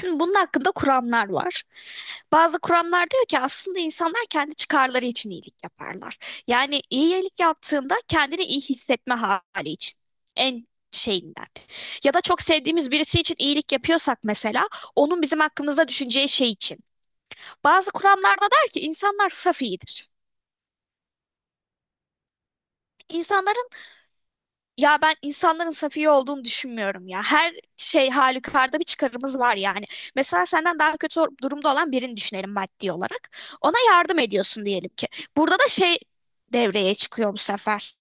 Şimdi bunun hakkında kuramlar var. Bazı kuramlar diyor ki aslında insanlar kendi çıkarları için iyilik yaparlar. Yani iyilik yaptığında kendini iyi hissetme hali için. En şeyinden. Ya da çok sevdiğimiz birisi için iyilik yapıyorsak mesela onun bizim hakkımızda düşüneceği şey için. Bazı kuramlarda der ki insanlar saf iyidir. İnsanların. Ya ben insanların safiye olduğunu düşünmüyorum ya. Her şey halükarda bir çıkarımız var yani. Mesela senden daha kötü durumda olan birini düşünelim maddi olarak. Ona yardım ediyorsun diyelim ki. Burada da şey devreye çıkıyor bu sefer.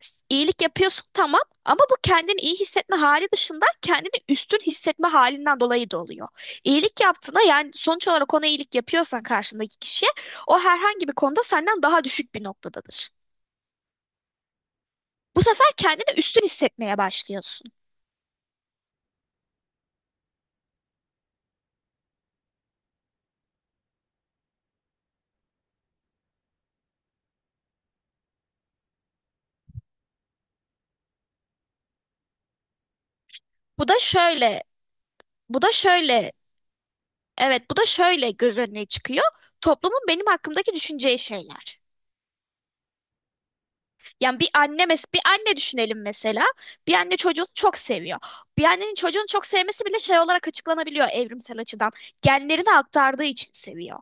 İyilik yapıyorsun tamam ama bu kendini iyi hissetme hali dışında kendini üstün hissetme halinden dolayı da oluyor. İyilik yaptığında yani sonuç olarak ona iyilik yapıyorsan karşındaki kişiye o herhangi bir konuda senden daha düşük bir noktadadır. Bu sefer kendini üstün hissetmeye başlıyorsun. Bu da şöyle, bu da şöyle, evet bu da şöyle göz önüne çıkıyor. Toplumun benim hakkımdaki düşüneceği şeyler. Yani bir anne düşünelim mesela. Bir anne çocuğunu çok seviyor. Bir annenin çocuğunu çok sevmesi bile şey olarak açıklanabiliyor evrimsel açıdan. Genlerini aktardığı için seviyor.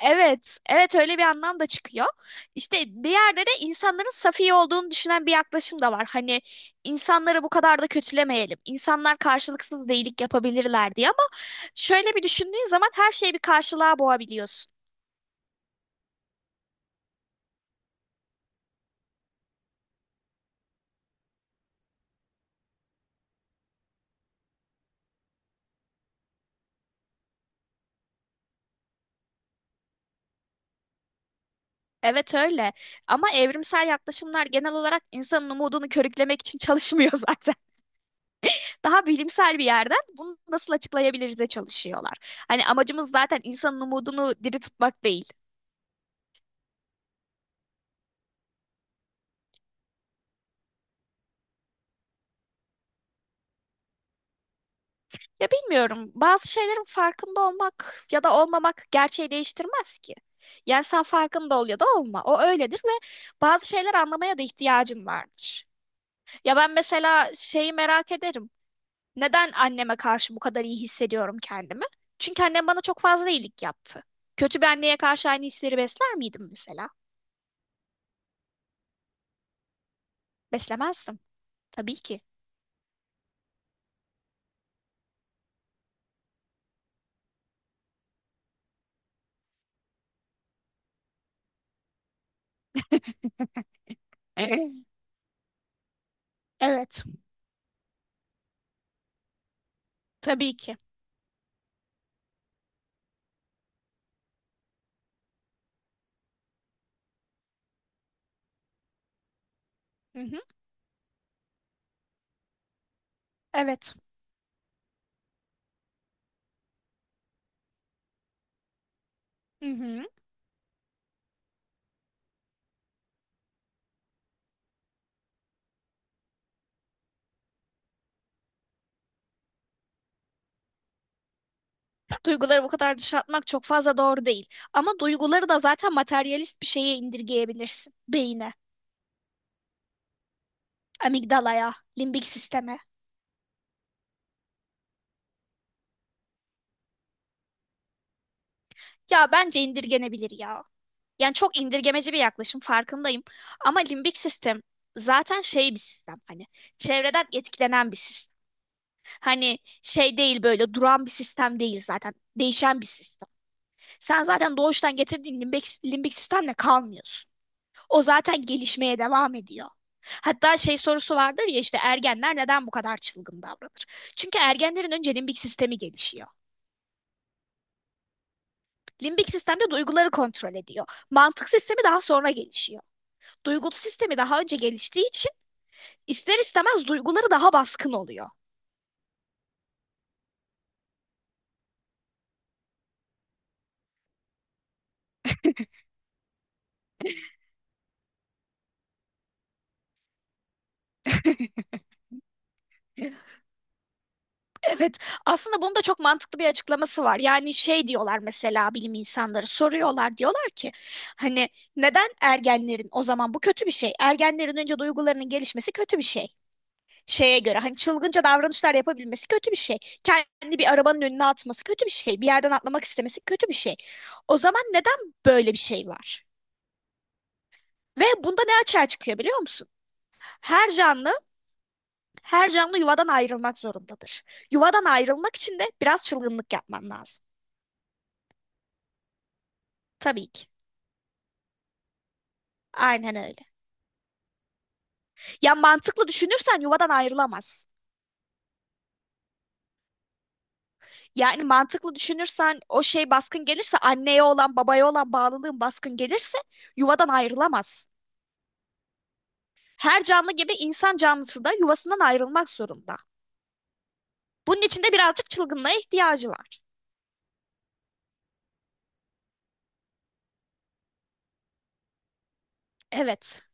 Evet, evet öyle bir anlam da çıkıyor. İşte bir yerde de insanların safi olduğunu düşünen bir yaklaşım da var. Hani insanları bu kadar da kötülemeyelim. İnsanlar karşılıksız iyilik yapabilirler diye ama şöyle bir düşündüğün zaman her şeyi bir karşılığa boğabiliyorsun. Evet öyle. Ama evrimsel yaklaşımlar genel olarak insanın umudunu körüklemek için çalışmıyor zaten. Daha bilimsel bir yerden bunu nasıl açıklayabiliriz de çalışıyorlar. Hani amacımız zaten insanın umudunu diri tutmak değil. Ya bilmiyorum. Bazı şeylerin farkında olmak ya da olmamak gerçeği değiştirmez ki. Yani sen farkında ol ya da olma. O öyledir ve bazı şeyler anlamaya da ihtiyacın vardır. Ya ben mesela şeyi merak ederim. Neden anneme karşı bu kadar iyi hissediyorum kendimi? Çünkü annem bana çok fazla iyilik yaptı. Kötü bir anneye karşı aynı hisleri besler miydim mesela? Beslemezdim. Tabii ki. Ee? Evet. Tabii ki. Hı hı. Evet. Hı hı. Duyguları bu kadar dışa atmak çok fazla doğru değil. Ama duyguları da zaten materyalist bir şeye indirgeyebilirsin. Beyine, amigdalaya, limbik sisteme. Ya bence indirgenebilir ya. Yani çok indirgemeci bir yaklaşım farkındayım. Ama limbik sistem zaten şey bir sistem, hani çevreden etkilenen bir sistem. Hani şey değil, böyle duran bir sistem değil zaten. Değişen bir sistem. Sen zaten doğuştan getirdiğin limbik sistemle kalmıyorsun. O zaten gelişmeye devam ediyor. Hatta şey sorusu vardır ya işte, ergenler neden bu kadar çılgın davranır? Çünkü ergenlerin önce limbik sistemi gelişiyor. Limbik sistem de duyguları kontrol ediyor. Mantık sistemi daha sonra gelişiyor. Duygulu sistemi daha önce geliştiği için ister istemez duyguları daha baskın oluyor. Evet, aslında bunun da çok mantıklı bir açıklaması var. Yani şey diyorlar mesela, bilim insanları soruyorlar, diyorlar ki hani neden ergenlerin o zaman bu kötü bir şey? Ergenlerin önce duygularının gelişmesi kötü bir şey. Şeye göre hani çılgınca davranışlar yapabilmesi kötü bir şey. Kendi bir arabanın önüne atması kötü bir şey. Bir yerden atlamak istemesi kötü bir şey. O zaman neden böyle bir şey var? Ve bunda ne açığa çıkıyor biliyor musun? Her canlı her canlı yuvadan ayrılmak zorundadır. Yuvadan ayrılmak için de biraz çılgınlık yapman lazım. Tabii ki. Aynen öyle. Ya mantıklı düşünürsen yuvadan ayrılamaz. Yani mantıklı düşünürsen o şey baskın gelirse, anneye olan babaya olan bağlılığın baskın gelirse yuvadan ayrılamaz. Her canlı gibi insan canlısı da yuvasından ayrılmak zorunda. Bunun için de birazcık çılgınlığa ihtiyacı var. Evet,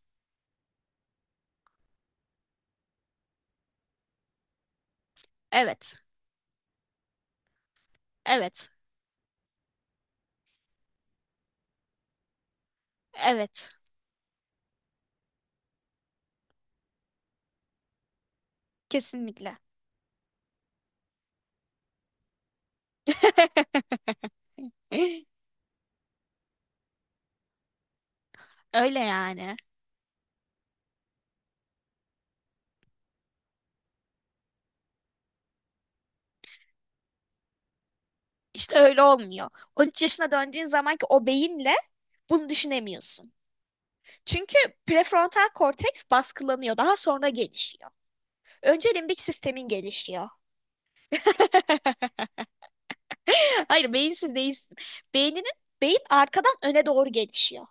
evet, evet, evet. Kesinlikle. Öyle yani. İşte öyle olmuyor. 13 yaşına döndüğün zamanki o beyinle bunu düşünemiyorsun. Çünkü prefrontal korteks baskılanıyor. Daha sonra gelişiyor. Önce limbik sistemin gelişiyor. Hayır, beyinsiz değilsin. Beyninin Beyin arkadan öne doğru gelişiyor.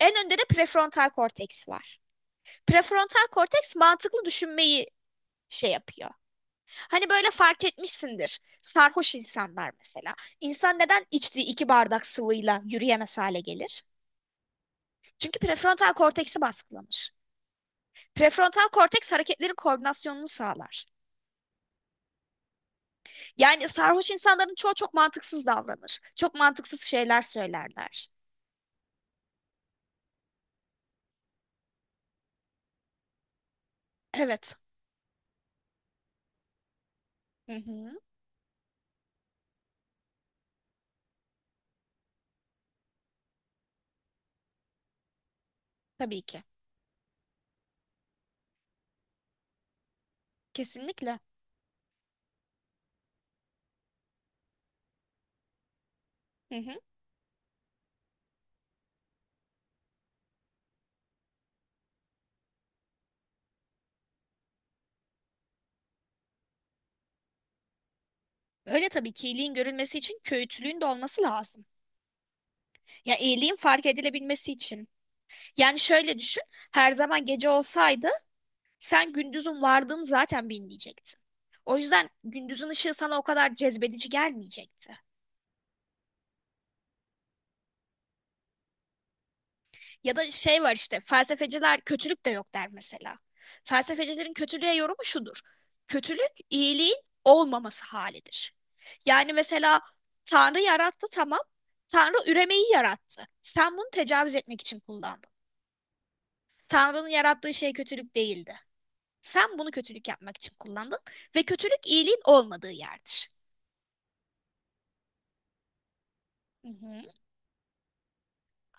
En önde de prefrontal korteks var. Prefrontal korteks mantıklı düşünmeyi şey yapıyor. Hani böyle fark etmişsindir. Sarhoş insanlar mesela. İnsan neden içtiği iki bardak sıvıyla yürüyemez hale gelir? Çünkü prefrontal korteksi baskılanır. Prefrontal korteks hareketlerin koordinasyonunu sağlar. Yani sarhoş insanların çoğu çok mantıksız davranır. Çok mantıksız şeyler söylerler. Evet. Hı hı. Tabii ki. Kesinlikle. Hı hı. Öyle tabii ki, iyiliğin görülmesi için köyütlüğün de olması lazım. Ya iyiliğin fark edilebilmesi için. Yani şöyle düşün, her zaman gece olsaydı sen gündüzün vardığını zaten bilmeyecektin. O yüzden gündüzün ışığı sana o kadar cezbedici gelmeyecekti. Ya da şey var işte, felsefeciler kötülük de yok der mesela. Felsefecilerin kötülüğe yorumu şudur. Kötülük iyiliğin olmaması halidir. Yani mesela Tanrı yarattı tamam. Tanrı üremeyi yarattı. Sen bunu tecavüz etmek için kullandın. Tanrı'nın yarattığı şey kötülük değildi. Sen bunu kötülük yapmak için kullandın ve kötülük iyiliğin olmadığı yerdir. Hı hı.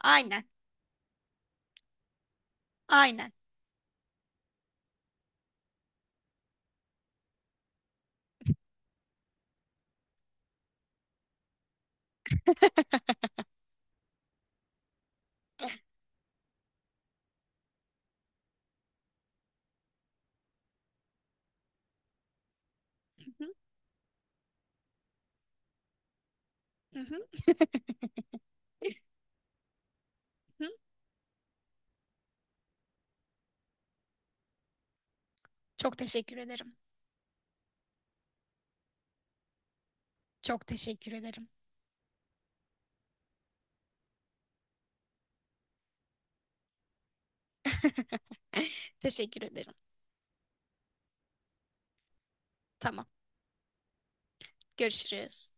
Aynen, aynen. Hı hı, hı hı, hı. Çok teşekkür ederim. Çok teşekkür ederim. Teşekkür ederim. Tamam, görüşürüz.